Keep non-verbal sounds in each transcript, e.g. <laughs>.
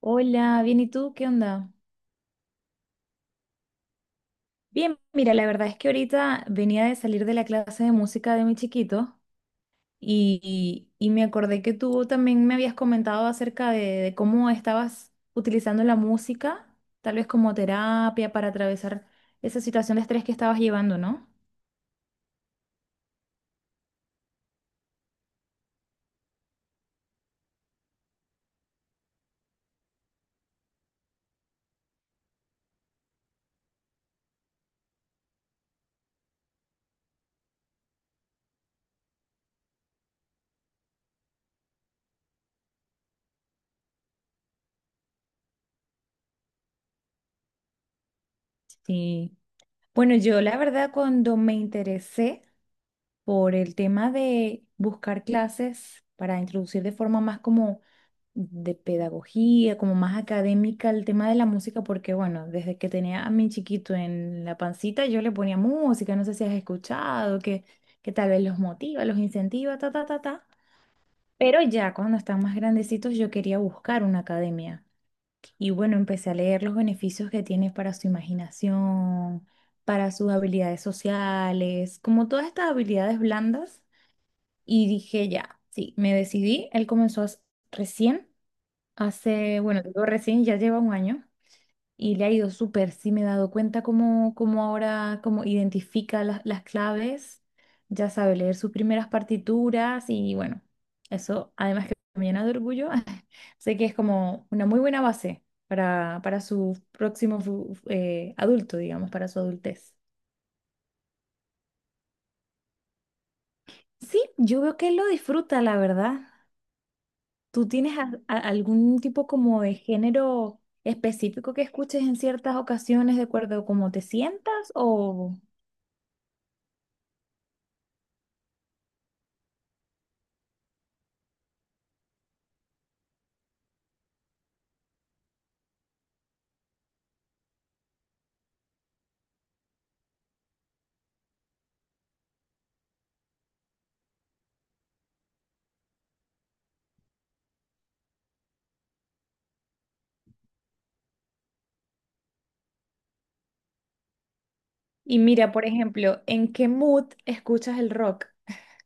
Hola, bien, ¿y tú? ¿Qué onda? Bien, mira, la verdad es que ahorita venía de salir de la clase de música de mi chiquito y me acordé que tú también me habías comentado acerca de cómo estabas utilizando la música, tal vez como terapia para atravesar esa situación de estrés que estabas llevando, ¿no? Sí. Bueno, yo la verdad cuando me interesé por el tema de buscar clases para introducir de forma más como de pedagogía, como más académica el tema de la música, porque bueno, desde que tenía a mi chiquito en la pancita, yo le ponía música, no sé si has escuchado, que tal vez los motiva, los incentiva, ta, ta, ta, ta. Pero ya cuando están más grandecitos yo quería buscar una academia y bueno, empecé a leer los beneficios que tiene para su imaginación, para sus habilidades sociales, como todas estas habilidades blandas y dije ya, sí, me decidí, él comenzó recién. Hace, bueno, te digo recién, ya lleva un año y le ha ido súper. Sí, me he dado cuenta cómo ahora, cómo identifica las claves, ya sabe leer sus primeras partituras y bueno, eso además que me llena de orgullo, <laughs> sé que es como una muy buena base para su próximo adulto, digamos, para su adultez. Sí, yo veo que él lo disfruta, la verdad. ¿Tú tienes algún tipo como de género específico que escuches en ciertas ocasiones de acuerdo a cómo te sientas? O. Y mira, por ejemplo, ¿en qué mood escuchas el rock?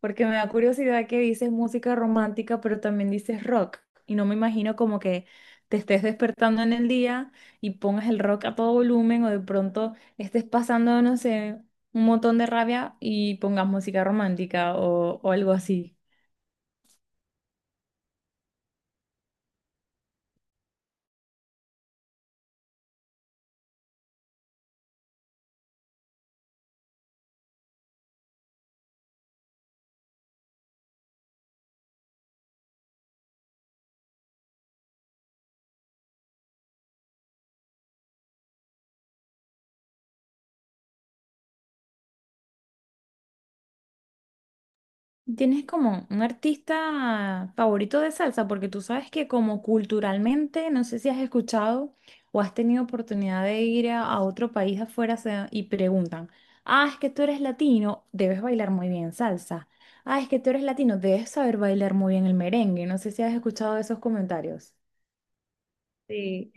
Porque me da curiosidad que dices música romántica, pero también dices rock. Y no me imagino como que te estés despertando en el día y pongas el rock a todo volumen o de pronto estés pasando, no sé, un montón de rabia y pongas música romántica o algo así. ¿Tienes como un artista favorito de salsa? Porque tú sabes que como culturalmente, no sé si has escuchado o has tenido oportunidad de ir a otro país afuera y preguntan, ah, es que tú eres latino, debes bailar muy bien salsa. Ah, es que tú eres latino, debes saber bailar muy bien el merengue. No sé si has escuchado esos comentarios. Sí.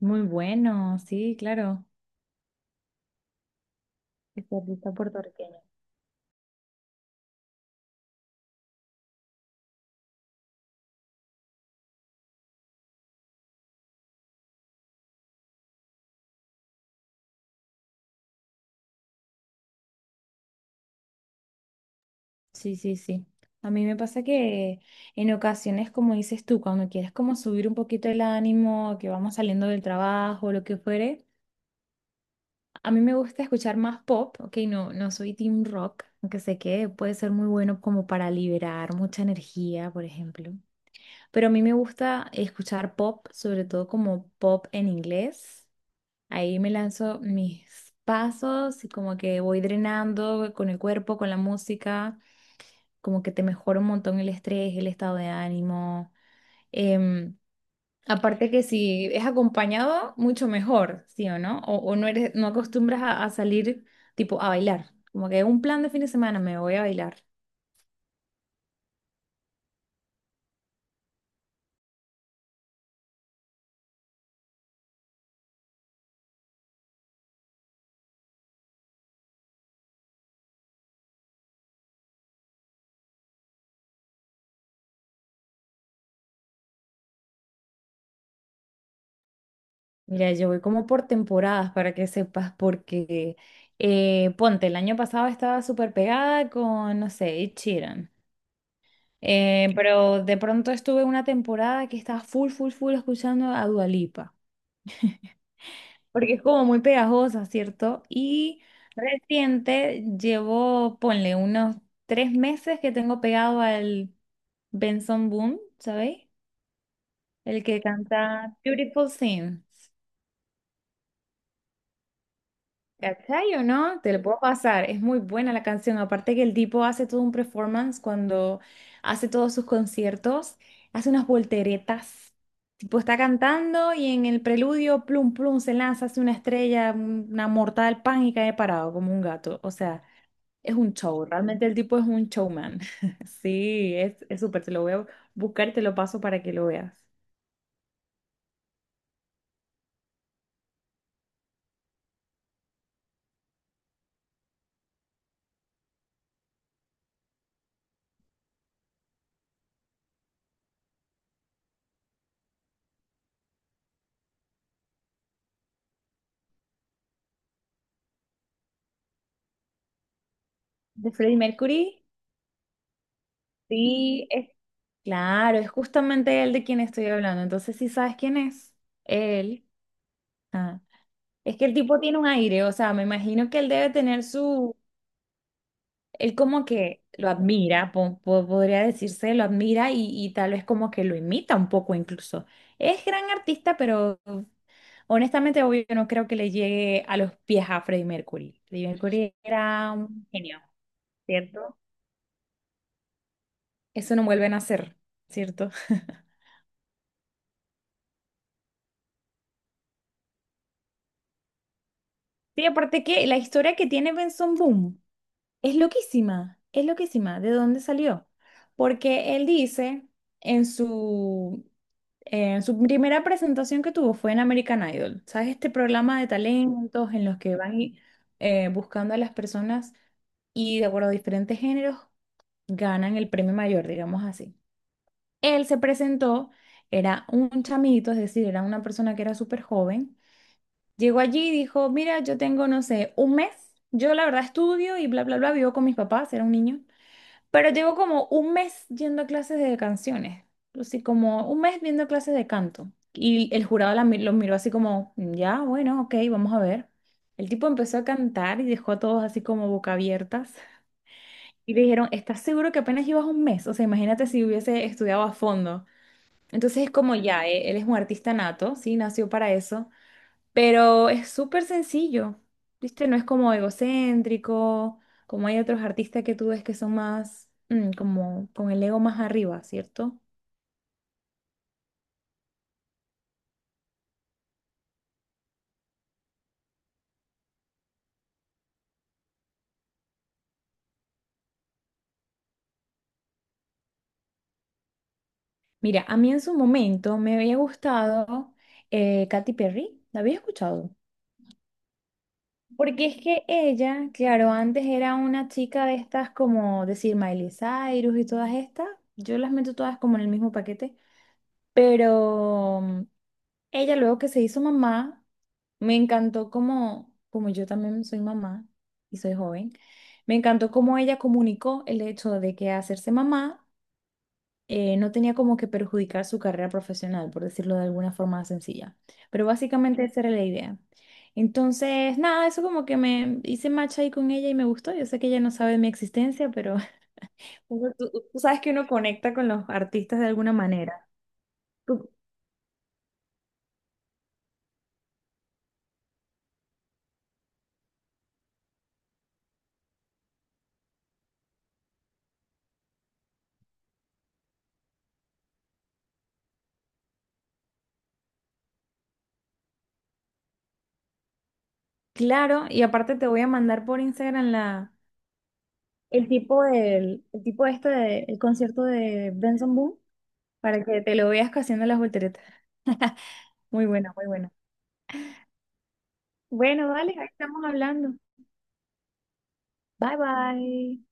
Muy bueno, sí, claro. Este artista puertorriqueño. Sí, sí, sí. A mí me pasa que en ocasiones, como dices tú, cuando quieres como subir un poquito el ánimo, que vamos saliendo del trabajo, lo que fuere, a mí me gusta escuchar más pop, ok, no, no soy team rock, aunque sé que puede ser muy bueno como para liberar mucha energía, por ejemplo. Pero a mí me gusta escuchar pop, sobre todo como pop en inglés. Ahí me lanzo mis pasos y como que voy drenando con el cuerpo, con la música como que te mejora un montón el estrés, el estado de ánimo. Em, aparte que si es acompañado, mucho mejor, ¿sí o no? O no eres, no acostumbras a salir tipo a bailar. Como que un plan de fin de semana, me voy a bailar. Mira, yo voy como por temporadas para que sepas, porque ponte, el año pasado estaba súper pegada con, no sé, Ed Sheeran. Pero de pronto estuve una temporada que estaba full, full, full escuchando a Dua Lipa. Porque es como muy pegajosa, ¿cierto? Y reciente llevo, ponle, unos 3 meses que tengo pegado al Benson Boone, ¿sabéis? El que canta Beautiful Things. ¿Cachai o no? Te lo puedo pasar. Es muy buena la canción. Aparte que el tipo hace todo un performance cuando hace todos sus conciertos. Hace unas volteretas. Tipo está cantando y en el preludio, plum, plum, se lanza, hace una estrella, una mortal pan y cae parado como un gato. O sea, es un show. Realmente el tipo es un showman. <laughs> Sí, es súper. Te lo voy a buscar y te lo paso para que lo veas. De Freddie Mercury. Sí, claro, es justamente él de quien estoy hablando. Entonces, ¿si sabes quién es? Él. Ajá. Es que el tipo tiene un aire, o sea, me imagino que él debe tener su. Él como que lo admira, podría decirse, lo admira y tal vez como que lo imita un poco incluso. Es gran artista, pero honestamente, obvio, no creo que le llegue a los pies a Freddie Mercury. Freddie Mercury era un genio, ¿cierto? Eso no vuelven a hacer, ¿cierto? <laughs> Sí, aparte que la historia que tiene Benson Boom. Es loquísima, es loquísima. ¿De dónde salió? Porque él dice en su, en su primera presentación que tuvo fue en American Idol. ¿Sabes? Este programa de talentos en los que van y, buscando a las personas y de acuerdo a diferentes géneros ganan el premio mayor, digamos así. Él se presentó, era un chamito, es decir, era una persona que era súper joven. Llegó allí y dijo, mira, yo tengo, no sé, un mes. Yo la verdad estudio y bla, bla, bla, vivo con mis papás, era un niño. Pero llevo como un mes yendo a clases de canciones, así como un mes viendo clases de canto. Y el jurado los miró así como, "Mm, ya, bueno, ok, vamos a ver". El tipo empezó a cantar y dejó a todos así como boca abiertas. Y le dijeron, ¿estás seguro que apenas llevas un mes? O sea, imagínate si hubiese estudiado a fondo. Entonces es como ya, él es un artista nato, sí, nació para eso. Pero es súper sencillo, ¿viste? No es como egocéntrico, como hay otros artistas que tú ves que son más, como con el ego más arriba, ¿cierto? Mira, a mí en su momento me había gustado Katy Perry, ¿la había escuchado? Porque es que ella, claro, antes era una chica de estas como decir Miley Cyrus y todas estas, yo las meto todas como en el mismo paquete, pero ella luego que se hizo mamá, me encantó como yo también soy mamá y soy joven, me encantó cómo ella comunicó el hecho de que hacerse mamá no tenía como que perjudicar su carrera profesional, por decirlo de alguna forma sencilla. Pero básicamente esa era la idea. Entonces, nada, eso como que me hice match ahí con ella y me gustó. Yo sé que ella no sabe de mi existencia, pero <laughs> tú sabes que uno conecta con los artistas de alguna manera. Tú- Claro, y aparte te voy a mandar por Instagram la el tipo del, el tipo este de- el concierto de Benson Boone para que te lo veas haciendo las volteretas. <laughs> Muy bueno, muy bueno. Bueno, vale, ahí estamos hablando. Bye bye.